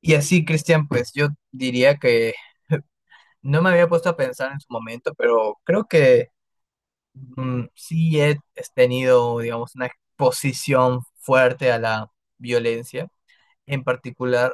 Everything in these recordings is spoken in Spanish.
Y así, Cristian, pues yo diría que no me había puesto a pensar en su momento, pero creo que sí tenido, digamos, una exposición fuerte a la violencia, en particular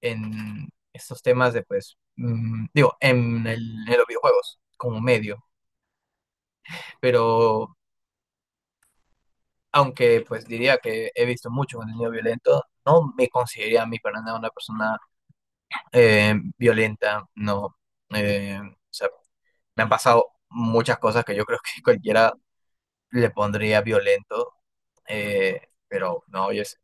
en estos temas de, pues, digo, en los videojuegos como medio. Pero aunque, pues, diría que he visto mucho contenido violento, no me consideraría a mí para nada una persona violenta, no. Eh, Me han pasado muchas cosas que yo creo que cualquiera le pondría violento, eh, pero no,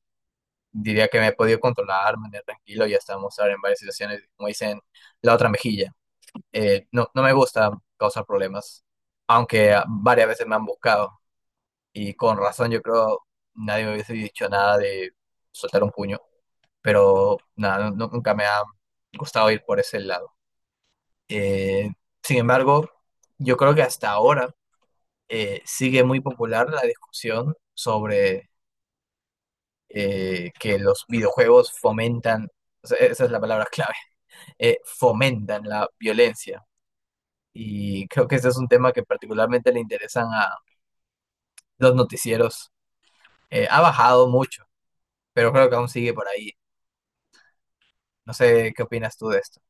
diría que me he podido controlar, mantener tranquilo y hasta mostrar en varias situaciones, como dicen, la otra mejilla. No, no me gusta causar problemas, aunque varias veces me han buscado y con razón yo creo nadie me hubiese dicho nada de soltar un puño, pero nada, nunca me ha gustado ir por ese lado. Eh, Sin embargo, yo creo que hasta ahora sigue muy popular la discusión sobre que los videojuegos fomentan, o sea, esa es la palabra clave, fomentan la violencia. Y creo que ese es un tema que particularmente le interesan a los noticieros. Ha bajado mucho, pero creo que aún sigue por ahí. No sé qué opinas tú de esto.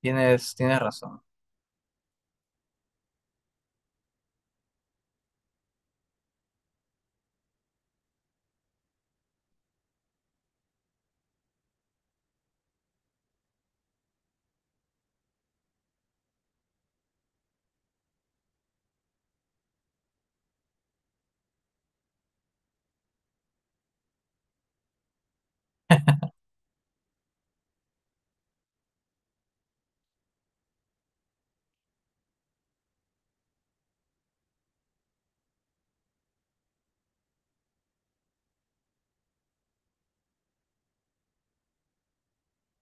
Tienes, tienes razón.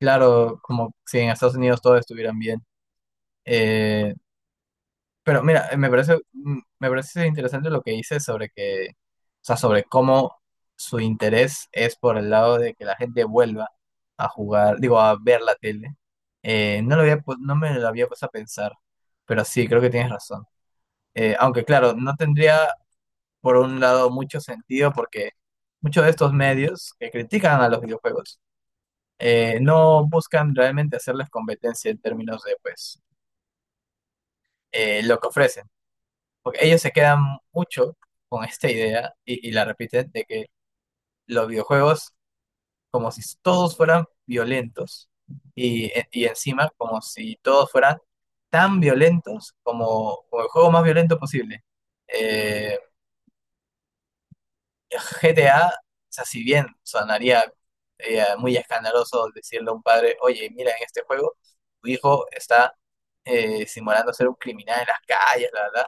Claro, como si en Estados Unidos todo estuvieran bien. Eh, Pero mira, me parece, me parece interesante lo que dices sobre que, o sea, sobre cómo su interés es por el lado de que la gente vuelva a jugar, digo, a ver la tele. No lo había, no me lo había puesto a pensar, pero sí, creo que tienes razón. Aunque claro, no tendría por un lado mucho sentido porque muchos de estos medios que critican a los videojuegos no buscan realmente hacerles competencia en términos de, pues, lo que ofrecen. Porque ellos se quedan mucho con esta idea y la repiten de que los videojuegos, como si todos fueran violentos y encima como si todos fueran tan violentos como, como el juego más violento posible. Eh, GTA, o sea, si bien sonaría muy escandaloso decirle a un padre, oye, mira, en este juego tu hijo está simulando ser un criminal en las calles, la verdad.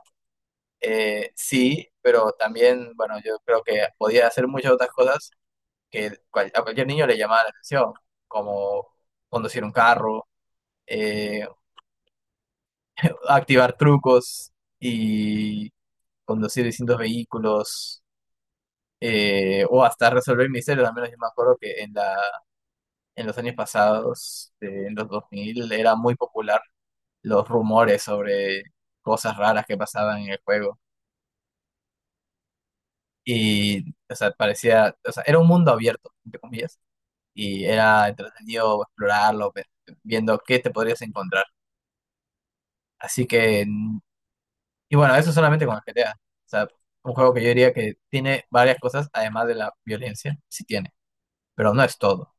Sí, pero también, bueno, yo creo que podía hacer muchas otras cosas a cualquier niño le llamaba la atención, como conducir un carro, eh, activar trucos y conducir distintos vehículos, o hasta resolver misterios. Al menos yo me acuerdo que en los años pasados, en los 2000 era muy popular los rumores sobre cosas raras que pasaban en el juego. Y, o sea, parecía, o sea, era un mundo abierto, entre comillas, y era entretenido explorarlo, viendo qué te podrías encontrar. Así que, y bueno, eso solamente con el GTA. O sea, un juego que yo diría que tiene varias cosas, además de la violencia, sí tiene, pero no es todo.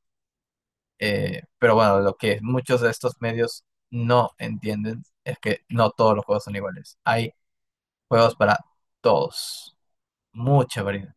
Pero bueno, lo que muchos de estos medios no entienden es que no todos los juegos son iguales. Hay juegos para todos, mucha variedad.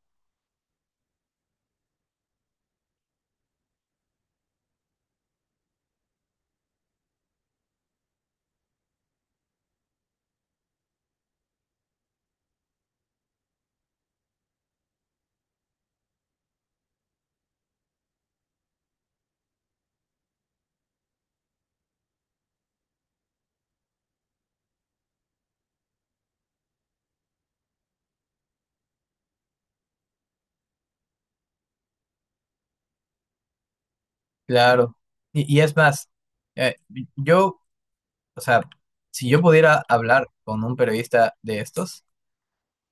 Claro. Y es más, eh, yo, o sea, si yo pudiera hablar con un periodista de estos,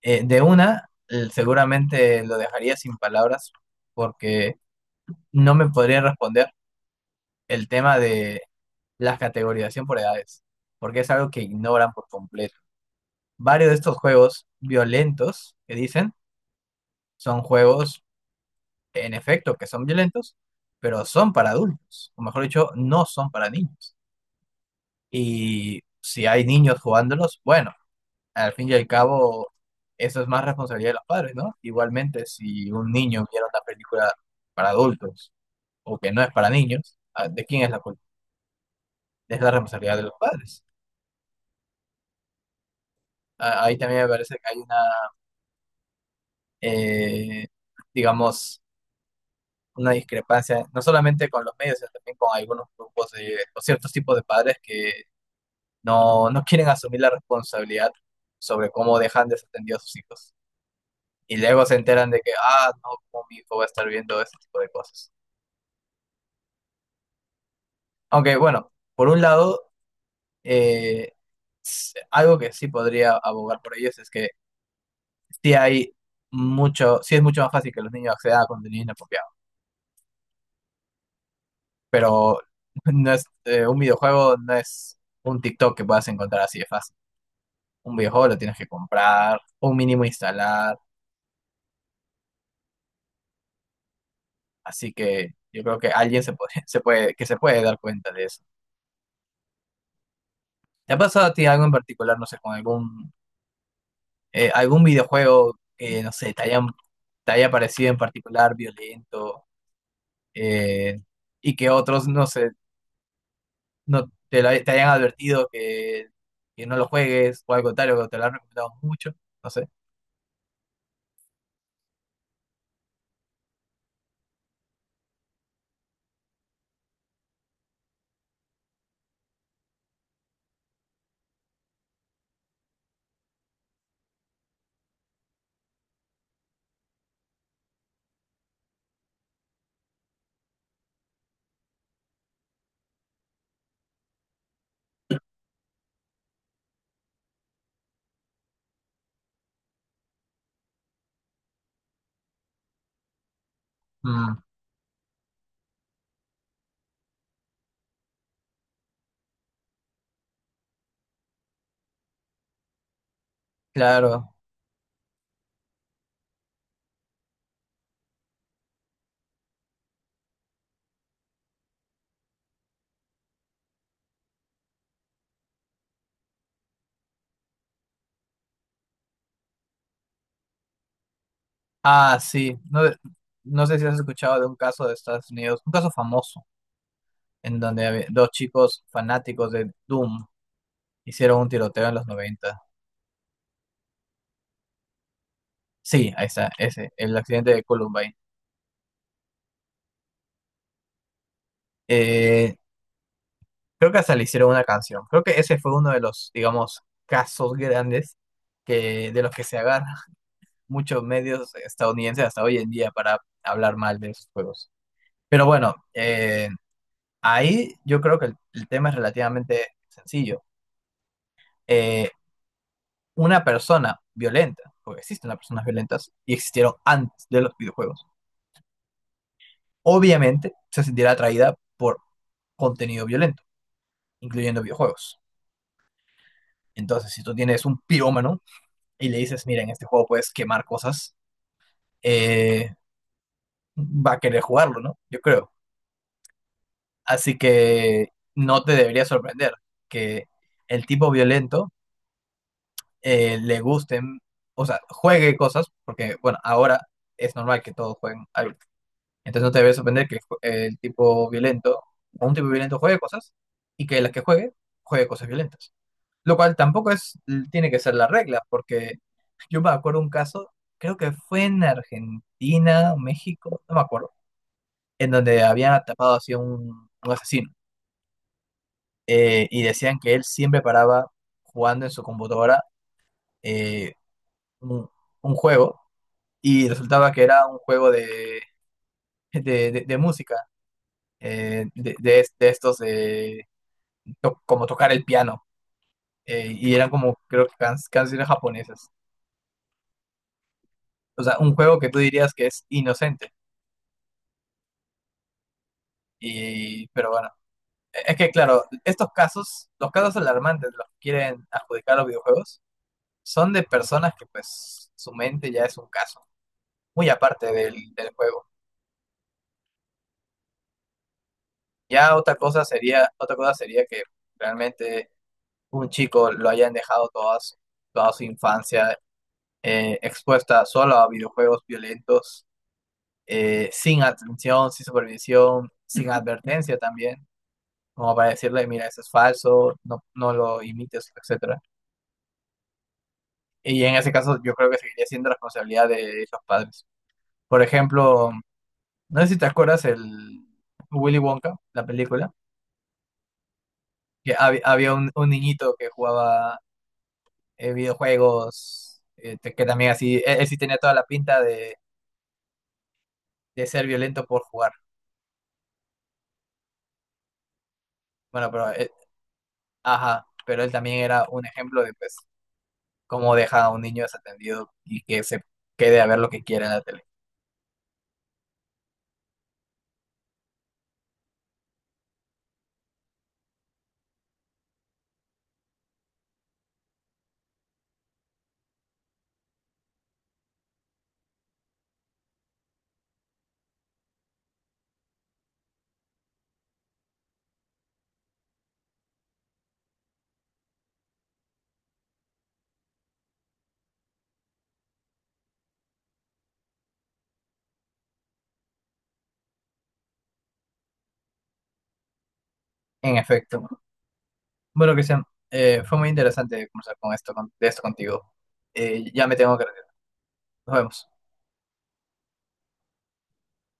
de una, seguramente lo dejaría sin palabras porque no me podría responder el tema de la categorización por edades, porque es algo que ignoran por completo. Varios de estos juegos violentos que dicen son juegos, en efecto, que son violentos, pero son para adultos, o mejor dicho, no son para niños. Y si hay niños jugándolos, bueno, al fin y al cabo, eso es más responsabilidad de los padres, ¿no? Igualmente, si un niño viera una película para adultos o que no es para niños, ah, ¿de quién es la culpa? Es la responsabilidad de los padres. Ah, ahí también me parece que hay una, eh, digamos, una discrepancia, no solamente con los medios, sino también con algunos grupos de, o ciertos tipos de padres que no, no quieren asumir la responsabilidad sobre cómo dejan desatendidos a sus hijos. Y luego se enteran de que, ah, no, cómo mi hijo va a estar viendo este tipo de cosas. Aunque bueno, por un lado, eh, algo que sí podría abogar por ellos es que sí hay mucho, sí es mucho más fácil que los niños accedan a contenido inapropiado, pero no es un videojuego, no es un TikTok que puedas encontrar así de fácil. Un videojuego lo tienes que comprar, un mínimo instalar, así que yo creo que alguien se puede, se puede, que se puede dar cuenta de eso. ¿Te ha pasado a ti algo en particular, no sé, con algún algún videojuego que, no sé, te haya parecido en particular violento? eh, ¿Y que otros, no sé, no te, te hayan advertido que no lo juegues, o al contrario, que te lo han recomendado mucho, no sé? Mm. Claro. Ah, sí. No, no sé si has escuchado de un caso de Estados Unidos, un caso famoso, en donde había dos chicos fanáticos de Doom, hicieron un tiroteo en los noventa. Sí, ahí está, ese, el accidente de Columbine. Eh, Creo que hasta le hicieron una canción. Creo que ese fue uno de los, digamos, casos grandes que, de los que se agarra muchos medios estadounidenses hasta hoy en día para hablar mal de esos juegos. Pero bueno, ahí yo creo que el tema es relativamente sencillo. Eh, una persona violenta, porque existen las personas violentas y existieron antes de los videojuegos, obviamente se sentirá atraída por contenido violento, incluyendo videojuegos. Entonces, si tú tienes un pirómano y le dices, mira, en este juego puedes quemar cosas, eh, va a querer jugarlo, ¿no? Yo creo. Así que no te debería sorprender que el tipo violento le gusten, o sea, juegue cosas, porque bueno, ahora es normal que todos jueguen algo. Entonces no te debe sorprender que el tipo violento, o un tipo violento juegue cosas, y que las que juegue, juegue cosas violentas. Lo cual tampoco es, tiene que ser la regla, porque yo me acuerdo un caso, creo que fue en Argentina, México, no me acuerdo, en donde habían atrapado así a un asesino, y decían que él siempre paraba jugando en su computadora eh, un, un juego, y resultaba que era un juego de, de música, de, de estos de como tocar el piano, y eran como creo que canciones japonesas. O sea, un juego que tú dirías que es inocente, y, pero bueno. Es que claro, estos casos, los casos alarmantes de los que quieren adjudicar los videojuegos, son de personas que pues su mente ya es un caso, muy aparte del, del juego. Ya otra cosa sería que realmente un chico lo hayan dejado toda su infancia expuesta solo a videojuegos violentos, sin atención, sin supervisión, sin advertencia también, como para decirle, mira, eso es falso, no, no lo imites, etcétera. Y en ese caso yo creo que seguiría siendo responsabilidad de los padres. Por ejemplo, no sé si te acuerdas el Willy Wonka, la película. Había un niñito que jugaba videojuegos, que también así, él sí tenía toda la pinta de ser violento por jugar. Bueno, ajá, pero él también era un ejemplo de pues cómo deja a un niño desatendido y que se quede a ver lo que quiera en la tele. En efecto. Bueno, Cristian, fue muy interesante conversar con esto, de esto contigo. Ya me tengo que retirar. Nos vemos.